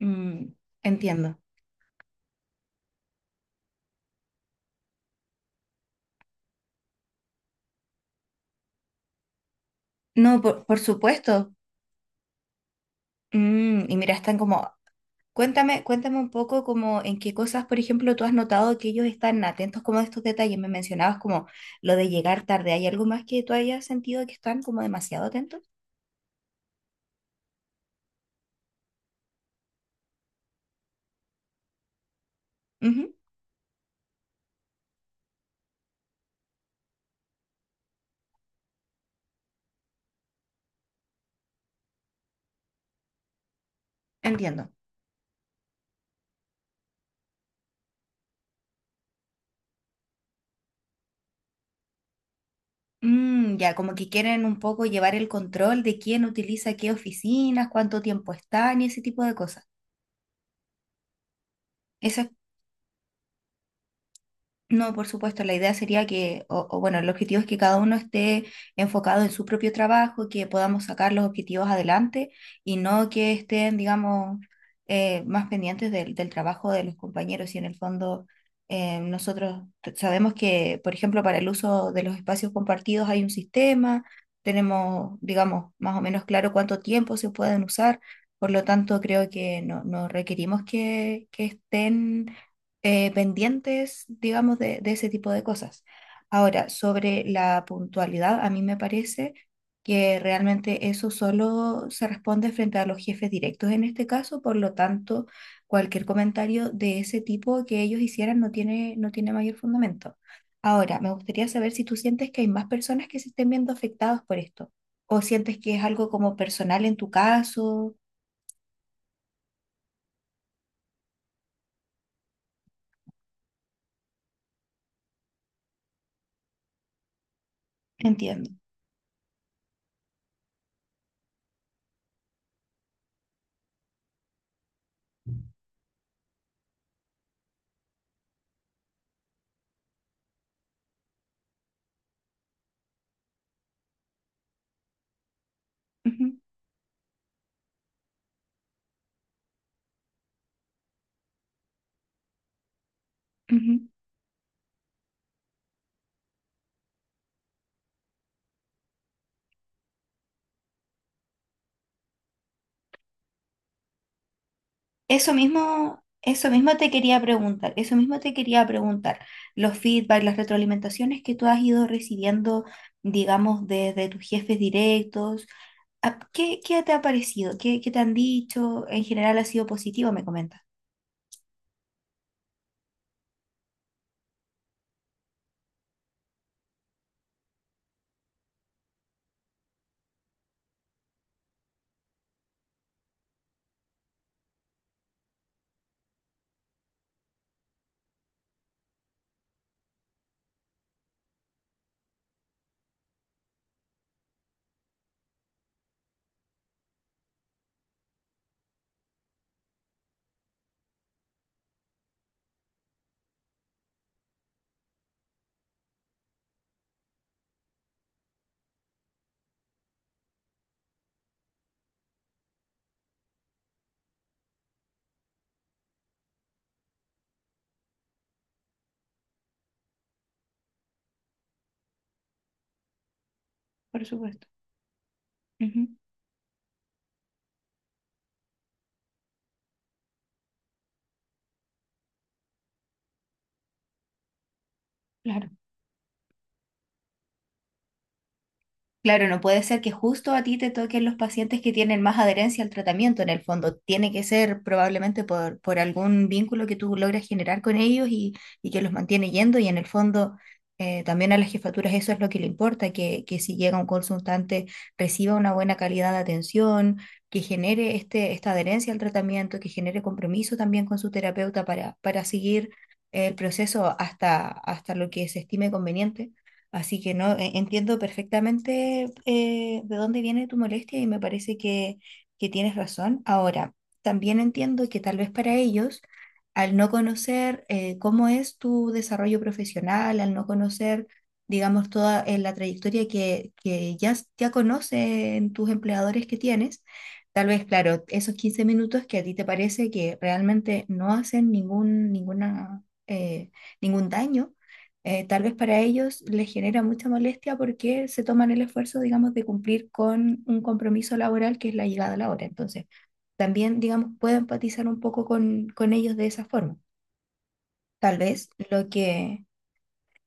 Mm, entiendo. No, por supuesto. Mm, y mira, están como, cuéntame, cuéntame un poco como en qué cosas, por ejemplo, tú has notado que ellos están atentos como a estos detalles. Me mencionabas como lo de llegar tarde. ¿Hay algo más que tú hayas sentido que están como demasiado atentos? Ujú, entiendo. Mm, ya, como que quieren un poco llevar el control de quién utiliza qué oficinas, cuánto tiempo están y ese tipo de cosas. Eso es. No, por supuesto, la idea sería que, o bueno, el objetivo es que cada uno esté enfocado en su propio trabajo, que podamos sacar los objetivos adelante y no que estén, digamos, más pendientes del trabajo de los compañeros. Y en el fondo, nosotros sabemos que, por ejemplo, para el uso de los espacios compartidos hay un sistema, tenemos, digamos, más o menos claro cuánto tiempo se pueden usar, por lo tanto, creo que no, no requerimos que estén pendientes, digamos, de ese tipo de cosas. Ahora, sobre la puntualidad, a mí me parece que realmente eso solo se responde frente a los jefes directos en este caso, por lo tanto, cualquier comentario de ese tipo que ellos hicieran no tiene mayor fundamento. Ahora, me gustaría saber si tú sientes que hay más personas que se estén viendo afectadas por esto, o sientes que es algo como personal en tu caso. Entiendo. Ujú, ujú. Eso mismo te quería preguntar. Los feedback, las retroalimentaciones que tú has ido recibiendo, digamos, desde tus jefes directos, ¿qué, qué te ha parecido? ¿Qué, qué te han dicho? En general ha sido positivo, me comentas. Por supuesto. Ujú, claro. Claro, no puede ser que justo a ti te toquen los pacientes que tienen más adherencia al tratamiento en el fondo. Tiene que ser probablemente por algún vínculo que tú logras generar con ellos y que los mantiene yendo. Y en el fondo también a las jefaturas eso es lo que le importa, que si llega un consultante reciba una buena calidad de atención, que genere este, esta adherencia al tratamiento, que genere compromiso también con su terapeuta para seguir el proceso hasta, hasta lo que se estime conveniente. Así que no, entiendo perfectamente de dónde viene tu molestia y me parece que tienes razón. Ahora, también entiendo que tal vez para ellos, al no conocer cómo es tu desarrollo profesional, al no conocer, digamos, toda la trayectoria que ya conocen tus empleadores que tienes, tal vez, claro, esos 15 minutos que a ti te parece que realmente no hacen ningún daño tal vez para ellos les genera mucha molestia porque se toman el esfuerzo, digamos, de cumplir con un compromiso laboral que es la llegada a la hora. Entonces, también, digamos, puedo empatizar un poco con ellos de esa forma. Tal vez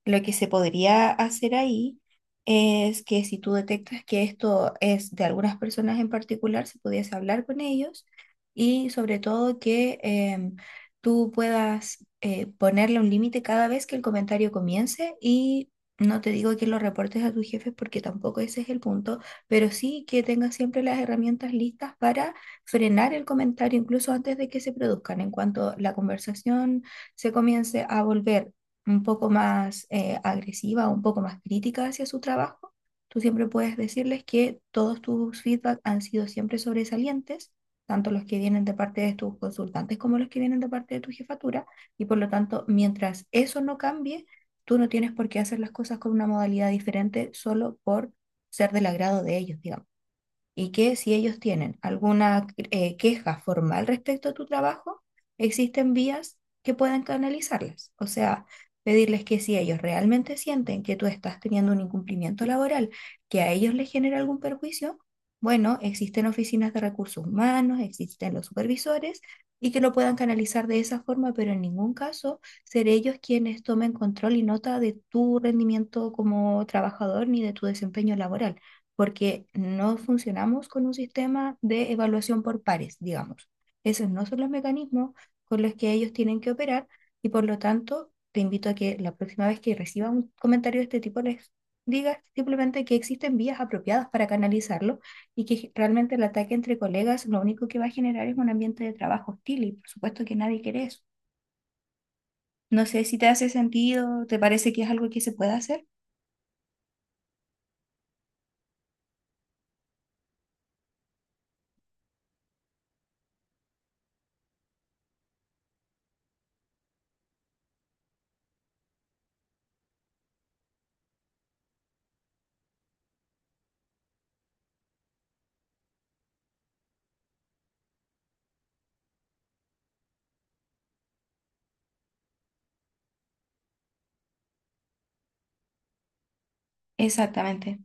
lo que se podría hacer ahí es que si tú detectas que esto es de algunas personas en particular, se pudiese hablar con ellos y sobre todo que tú puedas ponerle un límite cada vez que el comentario comience y no te digo que lo reportes a tus jefes porque tampoco ese es el punto, pero sí que tengas siempre las herramientas listas para frenar el comentario incluso antes de que se produzcan, en cuanto la conversación se comience a volver un poco más agresiva, un poco más crítica hacia su trabajo, tú siempre puedes decirles que todos tus feedback han sido siempre sobresalientes, tanto los que vienen de parte de tus consultantes como los que vienen de parte de tu jefatura, y por lo tanto, mientras eso no cambie, tú no tienes por qué hacer las cosas con una modalidad diferente solo por ser del agrado de ellos, digamos. Y que si ellos tienen alguna queja formal respecto a tu trabajo, existen vías que puedan canalizarlas. O sea, pedirles que si ellos realmente sienten que tú estás teniendo un incumplimiento laboral que a ellos les genera algún perjuicio, bueno, existen oficinas de recursos humanos, existen los supervisores y que lo puedan canalizar de esa forma, pero en ningún caso ser ellos quienes tomen control y nota de tu rendimiento como trabajador ni de tu desempeño laboral porque no funcionamos con un sistema de evaluación por pares, digamos. Esos no son los mecanismos con los que ellos tienen que operar y por lo tanto te invito a que la próxima vez que recibas un comentario de este tipo les digas simplemente que existen vías apropiadas para canalizarlo y que realmente el ataque entre colegas lo único que va a generar es un ambiente de trabajo hostil y por supuesto que nadie quiere eso. No sé si te hace sentido, te parece que es algo que se puede hacer. Exactamente.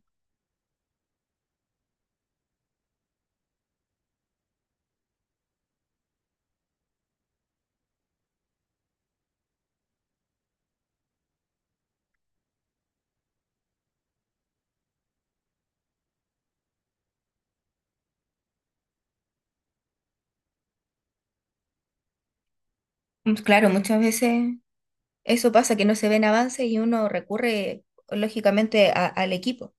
Mm, claro, muchas veces eso pasa, que no se ven avances y uno recurre lógicamente al equipo.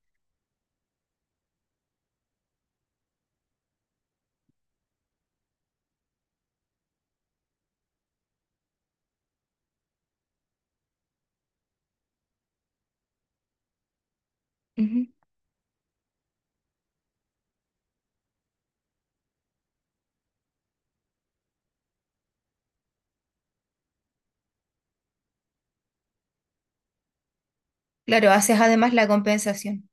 Ujú. Claro, haces además la compensación.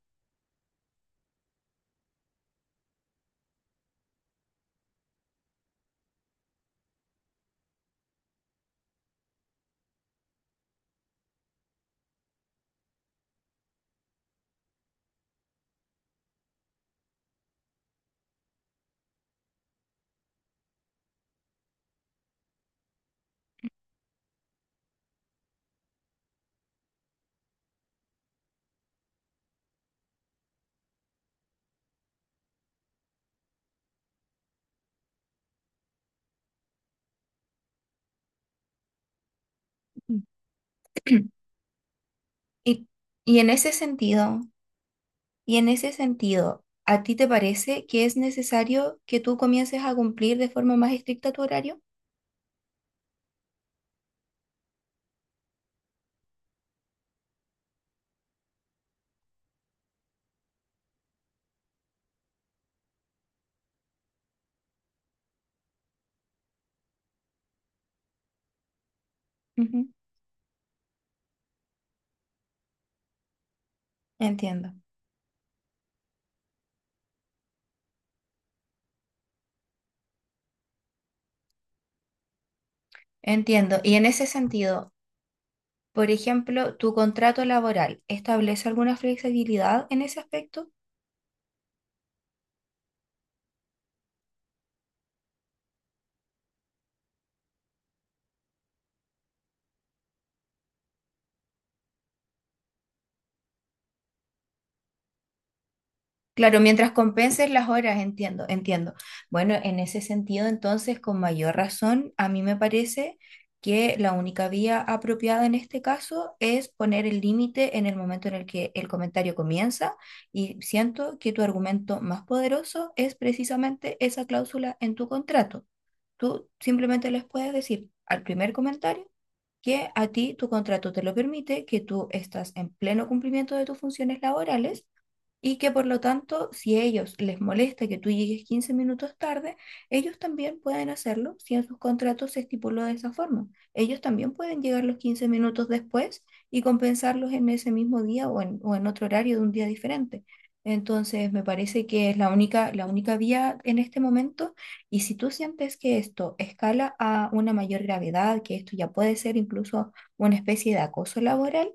Ujú. Y, y en ese sentido, y en ese sentido, ¿a ti te parece que es necesario que tú comiences a cumplir de forma más estricta tu horario? Ujú. Entiendo, entiendo. Y en ese sentido, por ejemplo, ¿tu contrato laboral establece alguna flexibilidad en ese aspecto? Claro, mientras compenses las horas, entiendo, entiendo. Bueno, en ese sentido, entonces, con mayor razón, a mí me parece que la única vía apropiada en este caso es poner el límite en el momento en el que el comentario comienza y siento que tu argumento más poderoso es precisamente esa cláusula en tu contrato. Tú simplemente les puedes decir al primer comentario que a ti tu contrato te lo permite, que tú estás en pleno cumplimiento de tus funciones laborales y que por lo tanto, si a ellos les molesta que tú llegues 15 minutos tarde, ellos también pueden hacerlo si en sus contratos se estipuló de esa forma. Ellos también pueden llegar los 15 minutos después y compensarlos en ese mismo día o o en otro horario de un día diferente. Entonces, me parece que es la única vía en este momento y si tú sientes que esto escala a una mayor gravedad, que esto ya puede ser incluso una especie de acoso laboral,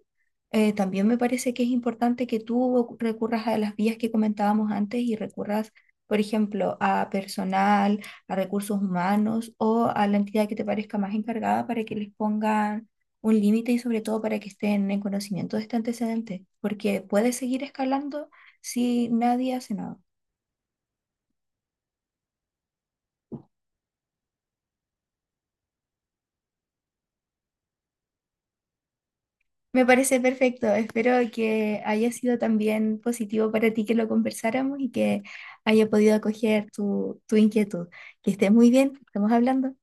también me parece que es importante que tú recurras a las vías que comentábamos antes y recurras, por ejemplo, a personal, a recursos humanos o a la entidad que te parezca más encargada para que les pongan un límite y sobre todo para que estén en conocimiento de este antecedente, porque puede seguir escalando si nadie hace nada. Me parece perfecto. Espero que haya sido también positivo para ti que lo conversáramos y que haya podido acoger tu, tu inquietud. Que estés muy bien. Estamos hablando.